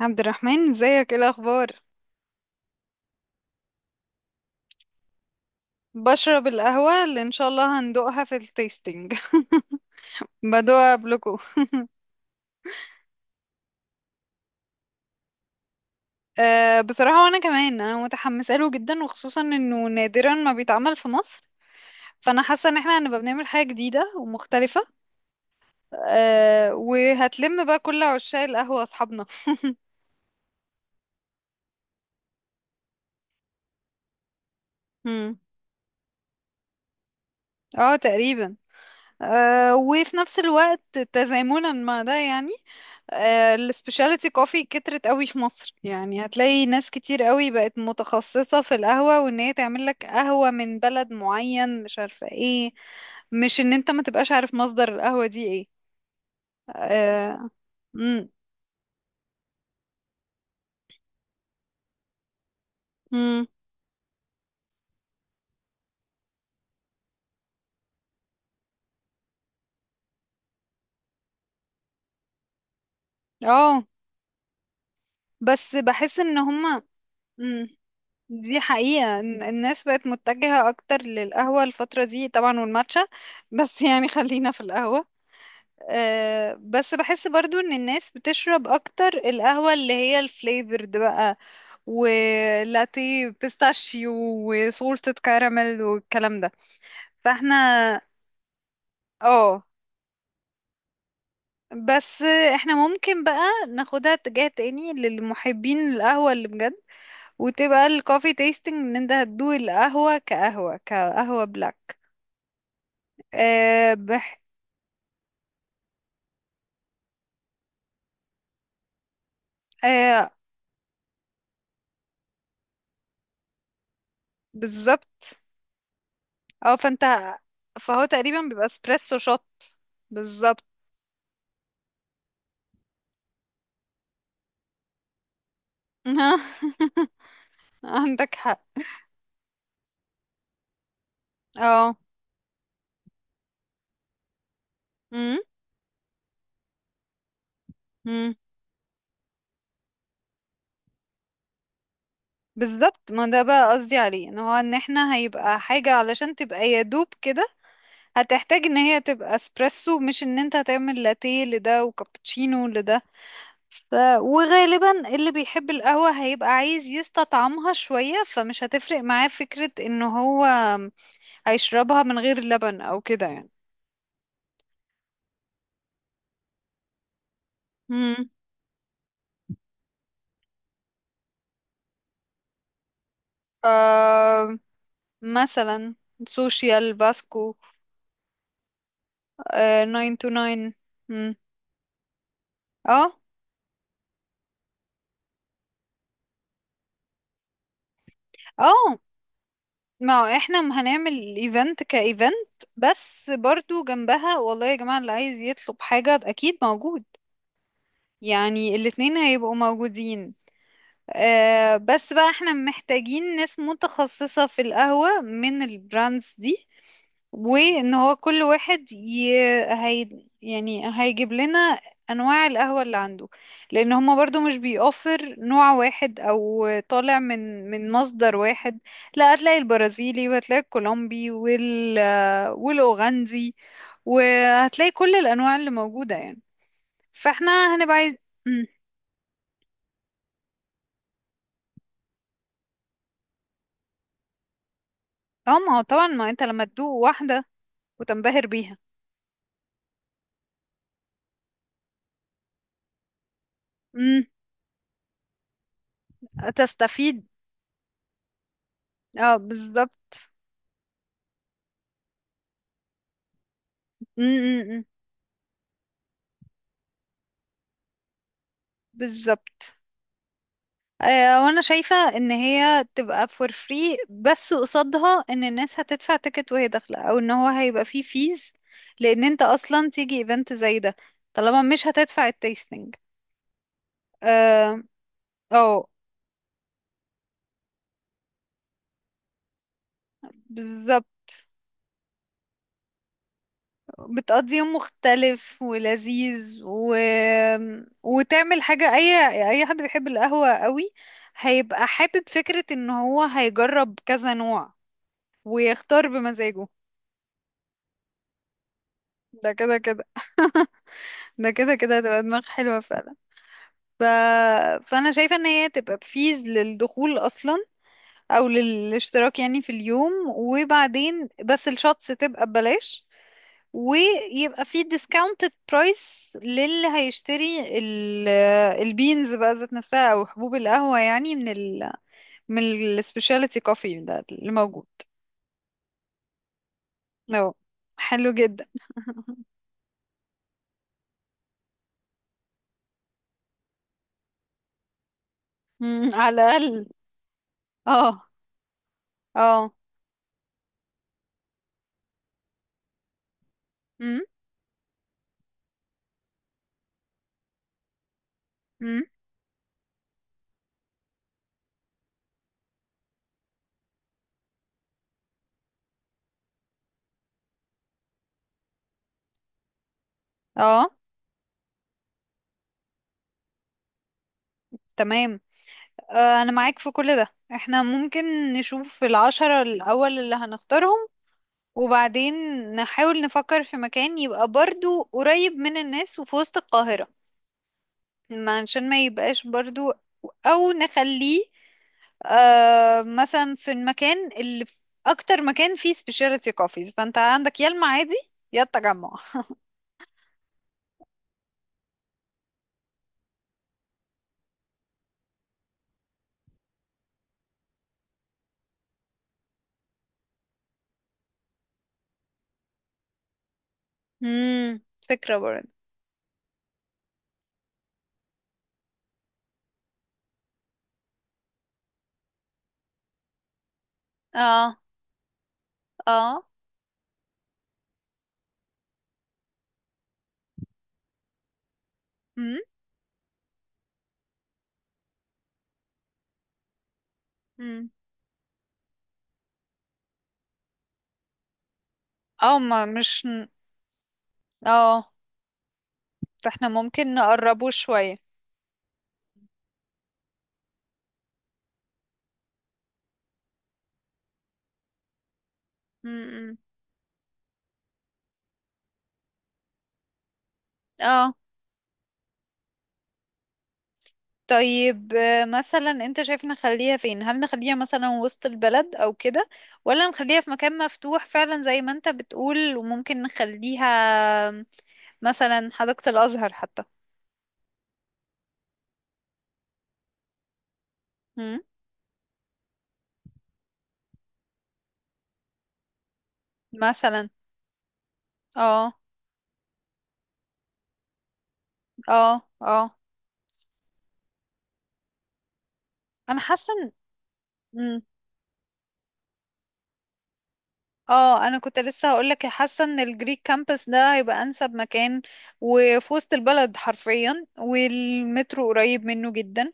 عبد الرحمن، ازيك؟ ايه الاخبار؟ بشرب القهوة اللي ان شاء الله هندوقها في التيستينج. بدوقها قبلكوا. أه بصراحة، وانا كمان انا متحمسة له جدا، وخصوصا انه نادرا ما بيتعمل في مصر. فانا حاسة ان احنا هنبقى بنعمل حاجة جديدة ومختلفة. أه وهتلم بقى كل عشاق القهوة اصحابنا. مم. اه تقريبا. أه وفي نفس الوقت تزامنا مع ده يعني، السبيشاليتي كوفي كترت قوي في مصر، يعني هتلاقي ناس كتير قوي بقت متخصصة في القهوة، وان هي تعمل لك قهوة من بلد معين مش عارفة ايه. مش ان انت ما تبقاش عارف مصدر القهوة دي ايه. اه. مم، مم، آه، بس بحس ان هما. مم، دي حقيقة إن الناس بقت متجهة اكتر للقهوة الفترة دي طبعا والماتشا. بس يعني خلينا في القهوة. آه، بس بحس برضو ان الناس بتشرب اكتر القهوة اللي هي الفليفرد بقى، ولاتيه بيستاشيو وصوصة كراميل والكلام ده. فاحنا اه بس احنا ممكن بقى ناخدها اتجاه تاني للمحبين القهوة اللي بجد، وتبقى الكوفي تيستنج ان انت هتدوق القهوة كقهوة بلاك. آه بح... آه بالظبط. اه فانت فهو تقريبا بيبقى اسبريسو شوت. بالظبط. عندك حق. اه. امم. امم. بالظبط، ما ده بقى قصدي عليه، ان هو ان احنا هيبقى حاجة علشان تبقى يا دوب كده. هتحتاج ان هي تبقى اسبريسو، مش ان انت هتعمل لاتيه لده وكابتشينو لده. ف... وغالبا اللي بيحب القهوة هيبقى عايز يستطعمها شوية، فمش هتفرق معاه فكرة ان هو هيشربها من غير لبن او كده يعني. امم. ف... مثلا سوشيال باسكو. آه ناين تو ناين. مم. اه اه. ما هو احنا هنعمل ايفنت كايفنت، بس برضو جنبها والله يا جماعة، اللي عايز يطلب حاجة اكيد موجود. يعني الاتنين هيبقوا موجودين. آه بس بقى احنا محتاجين ناس متخصصة في القهوة من البراندز دي. وان هو كل واحد ي... هي... يعني هيجيب لنا انواع القهوة اللي عنده، لان هما برضو مش بيوفر نوع واحد او طالع من مصدر واحد. لا هتلاقي البرازيلي وهتلاقي الكولومبي والاوغندي، وهتلاقي كل الانواع اللي موجودة يعني. فاحنا هنبقى عايز. مم. اه، ما هو طبعا ما انت لما تدوق واحدة وتنبهر بيها. مم. تستفيد. اه بالظبط. مم، مم، مم. بالظبط. آه، وانا شايفة ان هي تبقى فور فري، بس قصادها ان الناس هتدفع تيكت وهي داخلة، او ان هو هيبقى فيه فيز. لان انت اصلا تيجي ايفنت زي ده طالما مش هتدفع التيستنج. اه. أو، بالظبط. بتقضي يوم مختلف ولذيذ، وتعمل حاجة. اي حد بيحب القهوة قوي هيبقى حابب فكرة ان هو هيجرب كذا نوع، ويختار بمزاجه. ده كده كده. ده كده كده هتبقى دماغ حلوة فعلا. ف... فأنا شايفة إن هي تبقى بفيز للدخول أصلا، أو للاشتراك يعني في اليوم، وبعدين بس الشوتس تبقى ببلاش. ويبقى في discounted price للي هيشتري البينز بقى ذات نفسها، أو حبوب القهوة يعني، من ال specialty coffee ده اللي موجود. أهو. حلو جدا. مم، على الأقل. اه. اه. مم، مم، اه. تمام. آه، انا معاك في كل ده. احنا ممكن نشوف العشرة الاول اللي هنختارهم، وبعدين نحاول نفكر في مكان يبقى برضو قريب من الناس وفي وسط القاهرة. عشان ما يبقاش برضو، او نخليه آه، مثلا في اكتر مكان فيه سبيشاليتي كوفيز. فانت عندك يا المعادي يا التجمع. امم. فكرة برضو. اه اه. امم. امم. اه. ما مش. اه فاحنا ممكن نقربه شوية. امم. اه. طيب آه، مثلا انت شايف نخليها فين؟ هل نخليها مثلا وسط البلد او كده، ولا نخليها في مكان مفتوح فعلا زي ما انت بتقول؟ وممكن نخليها مثلا حديقة الازهر حتى. مم. مثلا. اه اه اه. انا حاسه ان. مم. اه انا كنت لسه هقولك، حاسه ان الجريك كامبس ده هيبقى انسب مكان. وفي وسط البلد حرفيا، والمترو قريب منه جدا.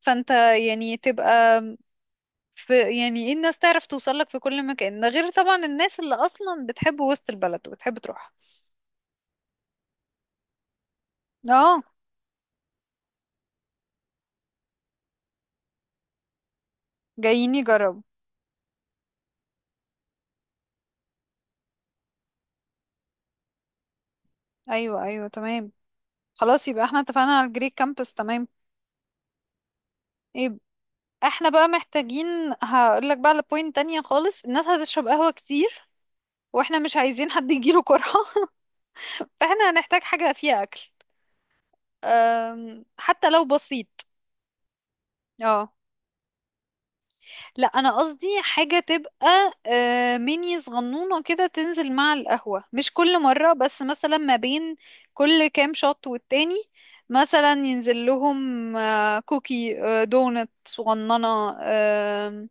فانت يعني تبقى ف يعني ايه، الناس تعرف توصل لك في كل مكان ده، غير طبعا الناس اللي اصلا بتحب وسط البلد وبتحب تروح. اه جايين يجربوا. ايوه ايوه تمام. خلاص يبقى احنا اتفقنا على الجري كامبس. تمام. ايه، احنا بقى محتاجين. هقول لك بقى على بوينت تانية خالص، الناس هتشرب قهوة كتير، واحنا مش عايزين حد يجيله قرحة. فاحنا هنحتاج حاجة فيها اكل. أم، حتى لو بسيط. اه لا انا قصدي حاجه تبقى آه، ميني صغنونه كده تنزل مع القهوه، مش كل مره بس مثلا ما بين كل كام شوت والتاني. مثلا ينزل لهم آه، كوكي، آه، دونت صغننه. آم،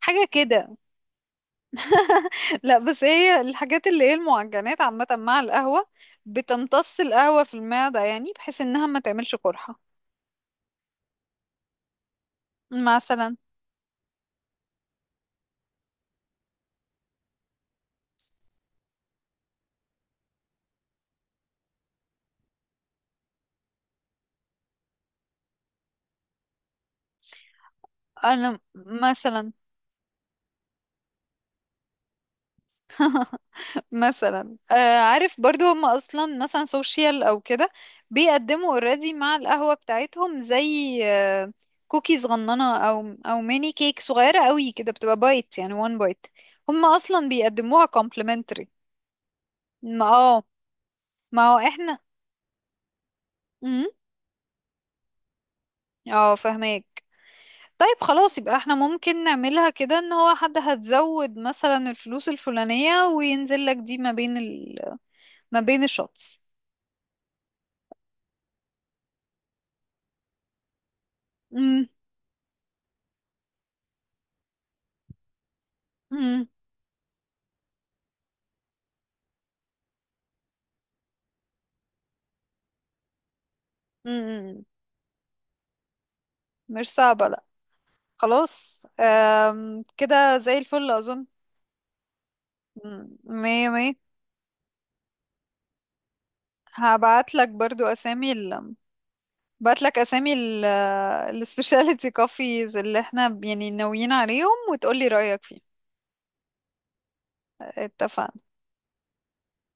حاجه كده. لا بس هي الحاجات اللي هي المعجنات عامه مع القهوه بتمتص القهوه في المعده، يعني بحيث انها ما تعملش قرحه. مثلا انا مثلا مثلا آه عارف برضو، هم اصلا مثلا سوشيال او كده بيقدموا اوريدي مع القهوة بتاعتهم زي آه كوكي صغننة، او ميني كيك صغيرة قوي كده، بتبقى بايت يعني، وان بايت هم اصلا بيقدموها كومبلمنتري. ما اه. ما هو احنا. مم، اه فهماك. طيب خلاص يبقى احنا ممكن نعملها كده، ان هو حد هتزود مثلا الفلوس الفلانية، وينزل لك دي ما بين الشوتس. مم، مم، مم، مم. مش صعبة لا. خلاص آم، كده زي الفل اظن. مم، مية مية. هبعت لك برضو اسامي ال... بعت لك اسامي ال السبيشاليتي كوفيز اللي احنا يعني ناويين عليهم، وتقولي رأيك فيه. اتفقنا.